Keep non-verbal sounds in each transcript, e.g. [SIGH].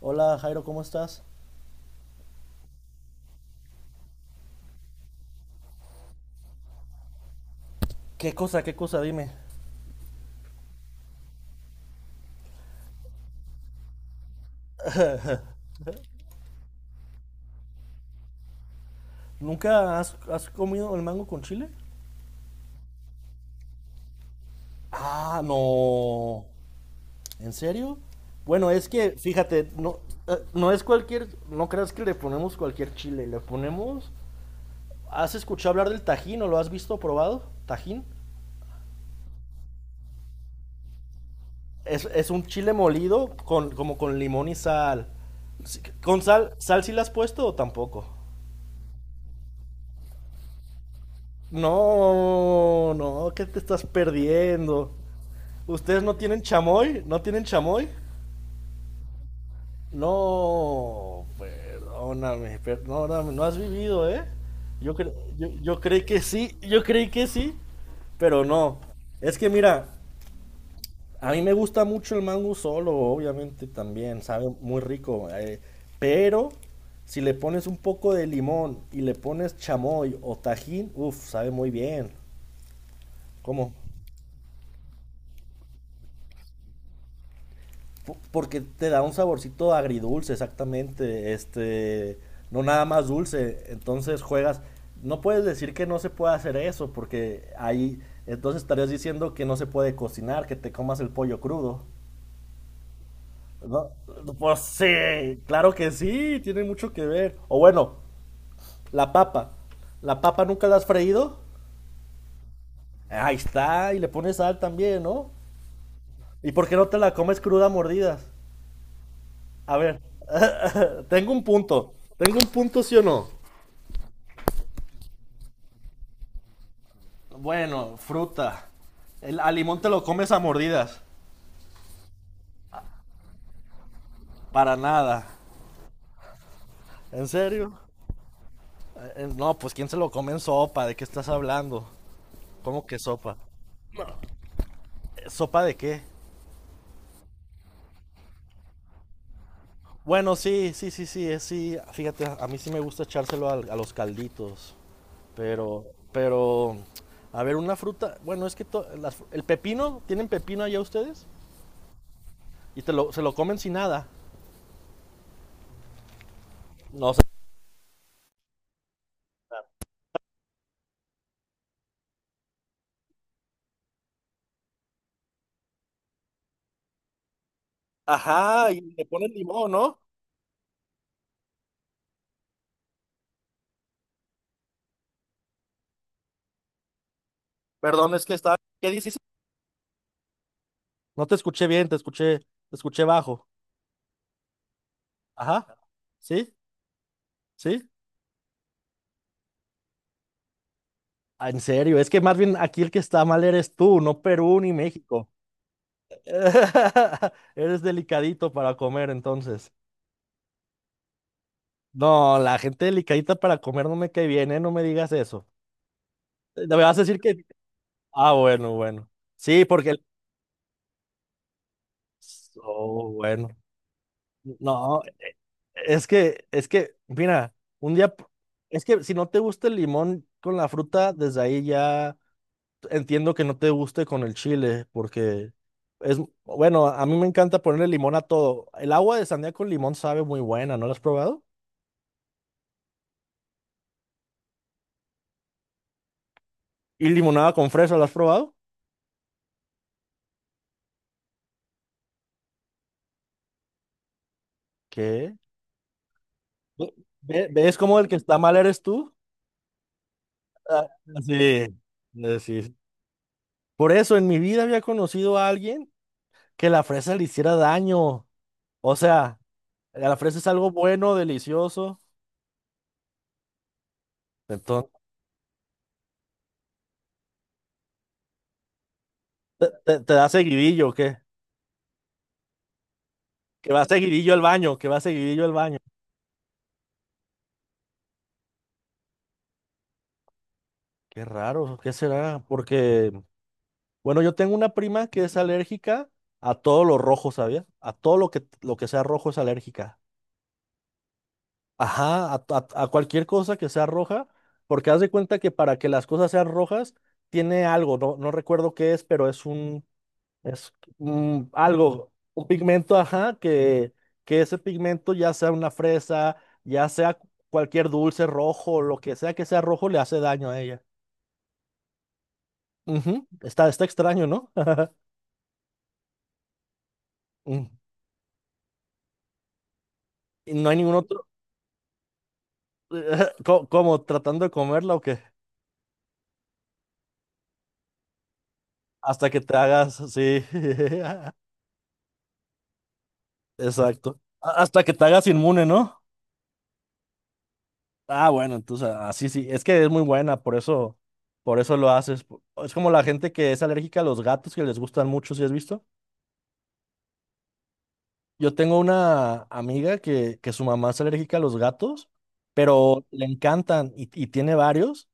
Hola Jairo, ¿cómo estás? ¿Qué cosa, qué cosa? Dime. ¿Nunca has comido el mango con chile? Ah, no. ¿En serio? Bueno, es que, fíjate, no, no es cualquier, no creas que le ponemos cualquier chile, le ponemos... ¿Has escuchado hablar del tajín o lo has visto o probado? ¿Tajín? Es un chile molido con, como con limón y sal. Sí, ¿con sal sí le has puesto o tampoco? No, no, ¿qué te estás perdiendo? ¿Ustedes no tienen chamoy? ¿No tienen chamoy? No, perdóname, perdóname, no no, no has vivido, ¿eh? Yo, cre- yo creí que sí, yo creí que sí, pero no. Es que mira, a mí me gusta mucho el mango solo, obviamente también, sabe muy rico, pero si le pones un poco de limón y le pones chamoy o tajín, uff, sabe muy bien. ¿Cómo? Porque te da un saborcito agridulce, exactamente, no nada más dulce, entonces juegas, no puedes decir que no se puede hacer eso, porque ahí, entonces estarías diciendo que no se puede cocinar, que te comas el pollo crudo, ¿no? Pues sí, claro que sí, tiene mucho que ver, o bueno, la papa, la papa nunca la has freído, ahí está, y le pones sal también, ¿no? ¿Y por qué no te la comes cruda a mordidas? A ver, [LAUGHS] tengo un punto. Tengo un punto, sí o no. Bueno, fruta. El, al limón te lo comes a mordidas. Para nada. ¿En serio? No, pues ¿quién se lo come en sopa? ¿De qué estás hablando? ¿Cómo que sopa? ¿Sopa de qué? Bueno, sí, sí, sí, sí, sí. Fíjate, a mí sí me gusta echárselo a, los calditos. Pero, pero, a ver, una fruta. Bueno, es que el pepino, ¿tienen pepino allá ustedes? Y se lo comen sin nada. No, ajá, y le ponen limón, ¿no? Perdón, es que está. ¿Qué dices? No te escuché bien, te escuché bajo. Ajá. ¿Sí? ¿Sí? Ah, en serio, es que más bien aquí el que está mal eres tú, no Perú ni México. [LAUGHS] Eres delicadito para comer, entonces. No, la gente delicadita para comer no me cae bien, ¿eh? No me digas eso. Me vas a decir que... Ah, bueno, bueno. Sí, porque... Oh, bueno. No. Es que, mira, un día, p- es que si no te gusta el limón con la fruta, desde ahí ya entiendo que no te guste con el chile, porque es, bueno, a mí me encanta ponerle limón a todo. El agua de sandía con limón sabe muy buena, ¿no la has probado? Y limonada con fresa, ¿la has probado? ¿Qué? Ve- ¿Ves cómo el que está mal eres tú? Ah, sí, sí. Por eso en mi vida había conocido a alguien que la fresa le hiciera daño. O sea... La fresa es algo bueno, delicioso. Entonces, te da seguidillo, o ¿qué? Que va seguidillo al baño, que va seguidillo al baño. Qué raro, ¿qué será? Porque, bueno, yo tengo una prima que es alérgica a todo lo rojo, ¿sabías? A todo lo que sea rojo es alérgica. Ajá, a cualquier cosa que sea roja, porque haz de cuenta que para que las cosas sean rojas, tiene algo, no, no recuerdo qué es, pero es un. Es algo, un pigmento, ajá, que, ese pigmento ya sea una fresa, ya sea cualquier dulce rojo, lo que sea rojo, le hace daño a ella. Ujú, está extraño, ¿no? [LAUGHS] Mm, y no hay ningún otro, [LAUGHS] como tratando de comerla o qué, hasta que te hagas, sí, [LAUGHS] exacto, hasta que te hagas inmune, ¿no? Ah, bueno, entonces así sí, sí, es que es muy buena, por eso lo haces. Es como la gente que es alérgica a los gatos que les gustan mucho, ¿si has visto? Yo tengo una amiga que su mamá es alérgica a los gatos, pero le encantan y, tiene varios,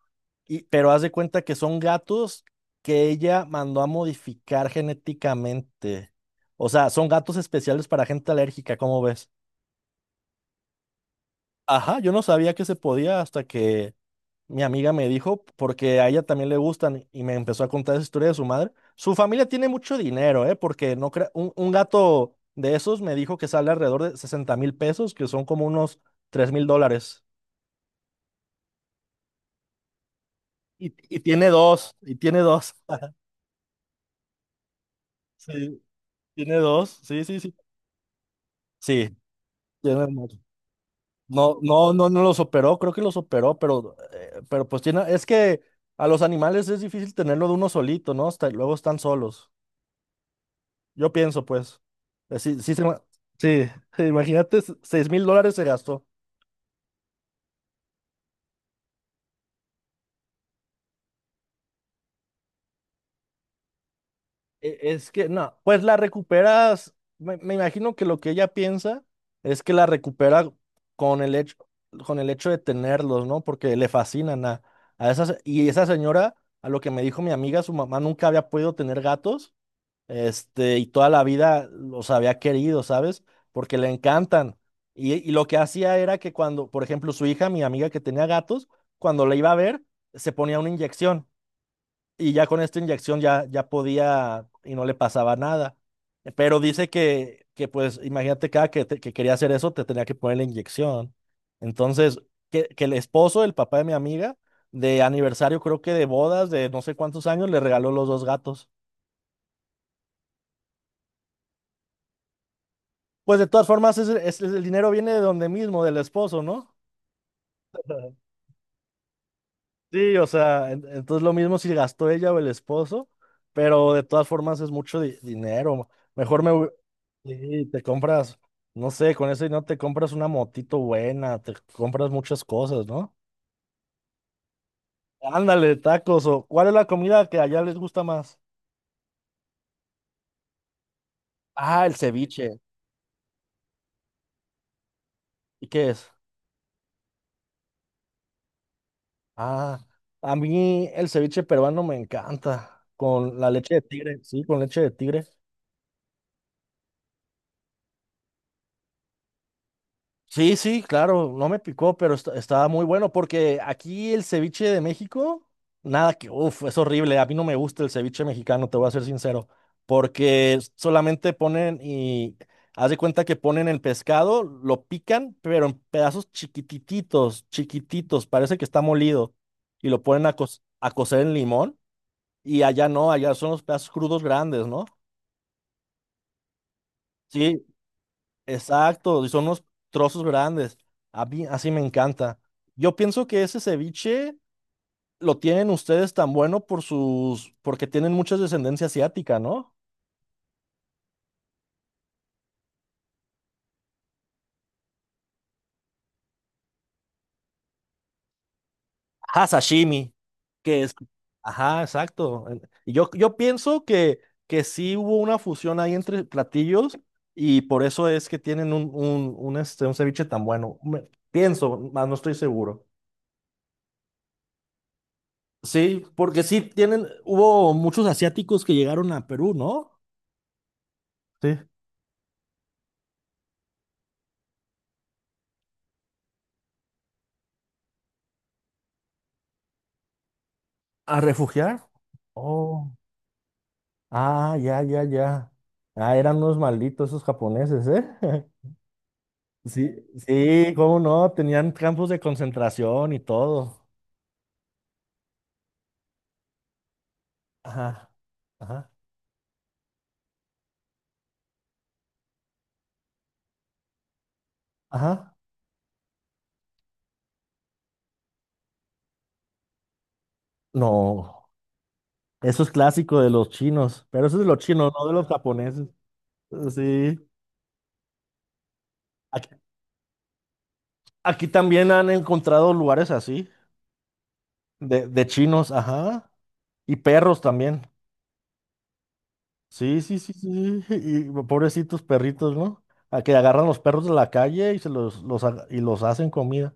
pero haz de cuenta que son gatos que ella mandó a modificar genéticamente. O sea, son gatos especiales para gente alérgica, ¿cómo ves? Ajá, yo no sabía que se podía hasta que mi amiga me dijo, porque a ella también le gustan, y me empezó a contar esa historia de su madre. Su familia tiene mucho dinero, ¿eh? Porque no crea- un gato de esos me dijo que sale alrededor de 60,000 pesos, que son como unos $3,000. Y tiene dos, y tiene dos. [LAUGHS] Sí, tiene dos, sí, sí, sí. Sí, tiene más. No, no, no, no los operó, creo que los operó, pero pues tiene, es que a los animales es difícil tenerlo de uno solito, ¿no? Hasta, luego están solos. Yo pienso, pues, sí, sí, sí, [LAUGHS] imagínate, $6,000 se gastó. E- es que, no, pues la recuperas, me imagino que lo que ella piensa es que la recupera con el hecho, con el hecho de tenerlos, ¿no? Porque le fascinan a esas, y esa señora, a lo que me dijo mi amiga, su mamá nunca había podido tener gatos. Este, y toda la vida los había querido, ¿sabes? Porque le encantan. Y lo que hacía era que cuando, por ejemplo, su hija, mi amiga que tenía gatos, cuando la iba a ver, se ponía una inyección. Y ya con esta inyección ya, ya podía y no le pasaba nada. Pero dice que pues, imagínate, cada que, que quería hacer eso, te tenía que poner la inyección. Entonces, que el esposo, el papá de mi amiga, de aniversario, creo que de bodas, de no sé cuántos años, le regaló los dos gatos. Pues de todas formas, es, el dinero viene de donde mismo, del esposo, ¿no? Sí, o sea, entonces lo mismo si gastó ella o el esposo, pero de todas formas es mucho dinero. Mejor me... hu- Sí, te compras, no sé, con ese dinero te compras una motito buena, te compras muchas cosas, ¿no? Ándale, tacos, o ¿cuál es la comida que allá les gusta más? Ah, el ceviche. ¿Y qué es? Ah, a mí el ceviche peruano me encanta, con la leche de tigre, sí, con leche de tigre. Sí, sí, claro, no me picó, pero estaba muy bueno porque aquí el ceviche de México, nada que, uff, es horrible. A mí no me gusta el ceviche mexicano, te voy a ser sincero, porque solamente ponen y haz de cuenta que ponen el pescado, lo pican, pero en pedazos chiquititos, chiquititos, parece que está molido y lo ponen a, a cocer en limón y allá no, allá son los pedazos crudos grandes, ¿no? Sí, exacto, y son unos trozos grandes. A mí así me encanta. Yo pienso que ese ceviche lo tienen ustedes tan bueno por sus, porque tienen mucha descendencia asiática, ¿no? Ajá, sashimi, que es, ajá, exacto. Y yo pienso que, sí hubo una fusión ahí entre platillos y por eso es que tienen un, un ceviche tan bueno. Pienso, más no estoy seguro. Sí, porque sí tienen, hubo muchos asiáticos que llegaron a Perú, ¿no? Sí. ¿A refugiar? Oh, ah, ya, ya, ya. Ah, eran unos malditos esos japoneses, ¿eh? [LAUGHS] Sí, sí, cómo no, tenían campos de concentración y todo. Ajá, ajá, ajá. No, eso es clásico de los chinos, pero eso es de los chinos, no de los japoneses. Sí, aquí, aquí también han encontrado lugares así, de chinos, ajá, y perros también. Sí, sí, sí, sí, sí, y pobrecitos perritos, ¿no? A que agarran los perros de la calle y se los ha- y los hacen comida.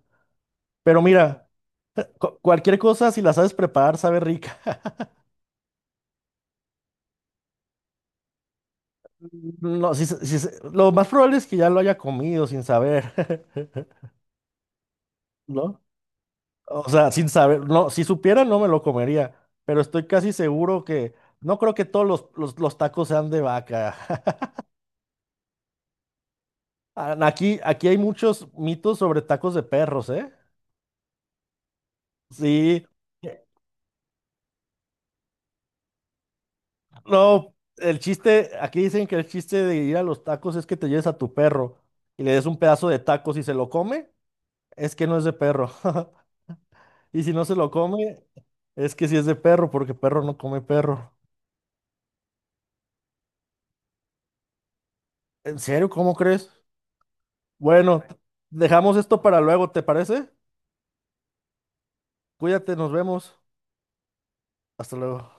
Pero mira, cualquier cosa, si la sabes preparar, sabe rica. No, si, se- si se- lo más probable es que ya lo haya comido sin saber, [LAUGHS] ¿no? O sea, sin saber, no, si supiera no me lo comería, pero estoy casi seguro que no creo que todos los, los tacos sean de vaca. [LAUGHS] Ah, aquí hay muchos mitos sobre tacos de perros, ¿eh? Sí. No, el chiste, aquí dicen que el chiste de ir a los tacos es que te lleves a tu perro y le des un pedazo de tacos y se lo come, es que no es de perro. [LAUGHS] Y si no se lo come, es que sí es de perro, porque perro no come perro. ¿En serio? ¿Cómo crees? Bueno, dejamos esto para luego, ¿te parece? Cuídate, nos vemos. Hasta luego.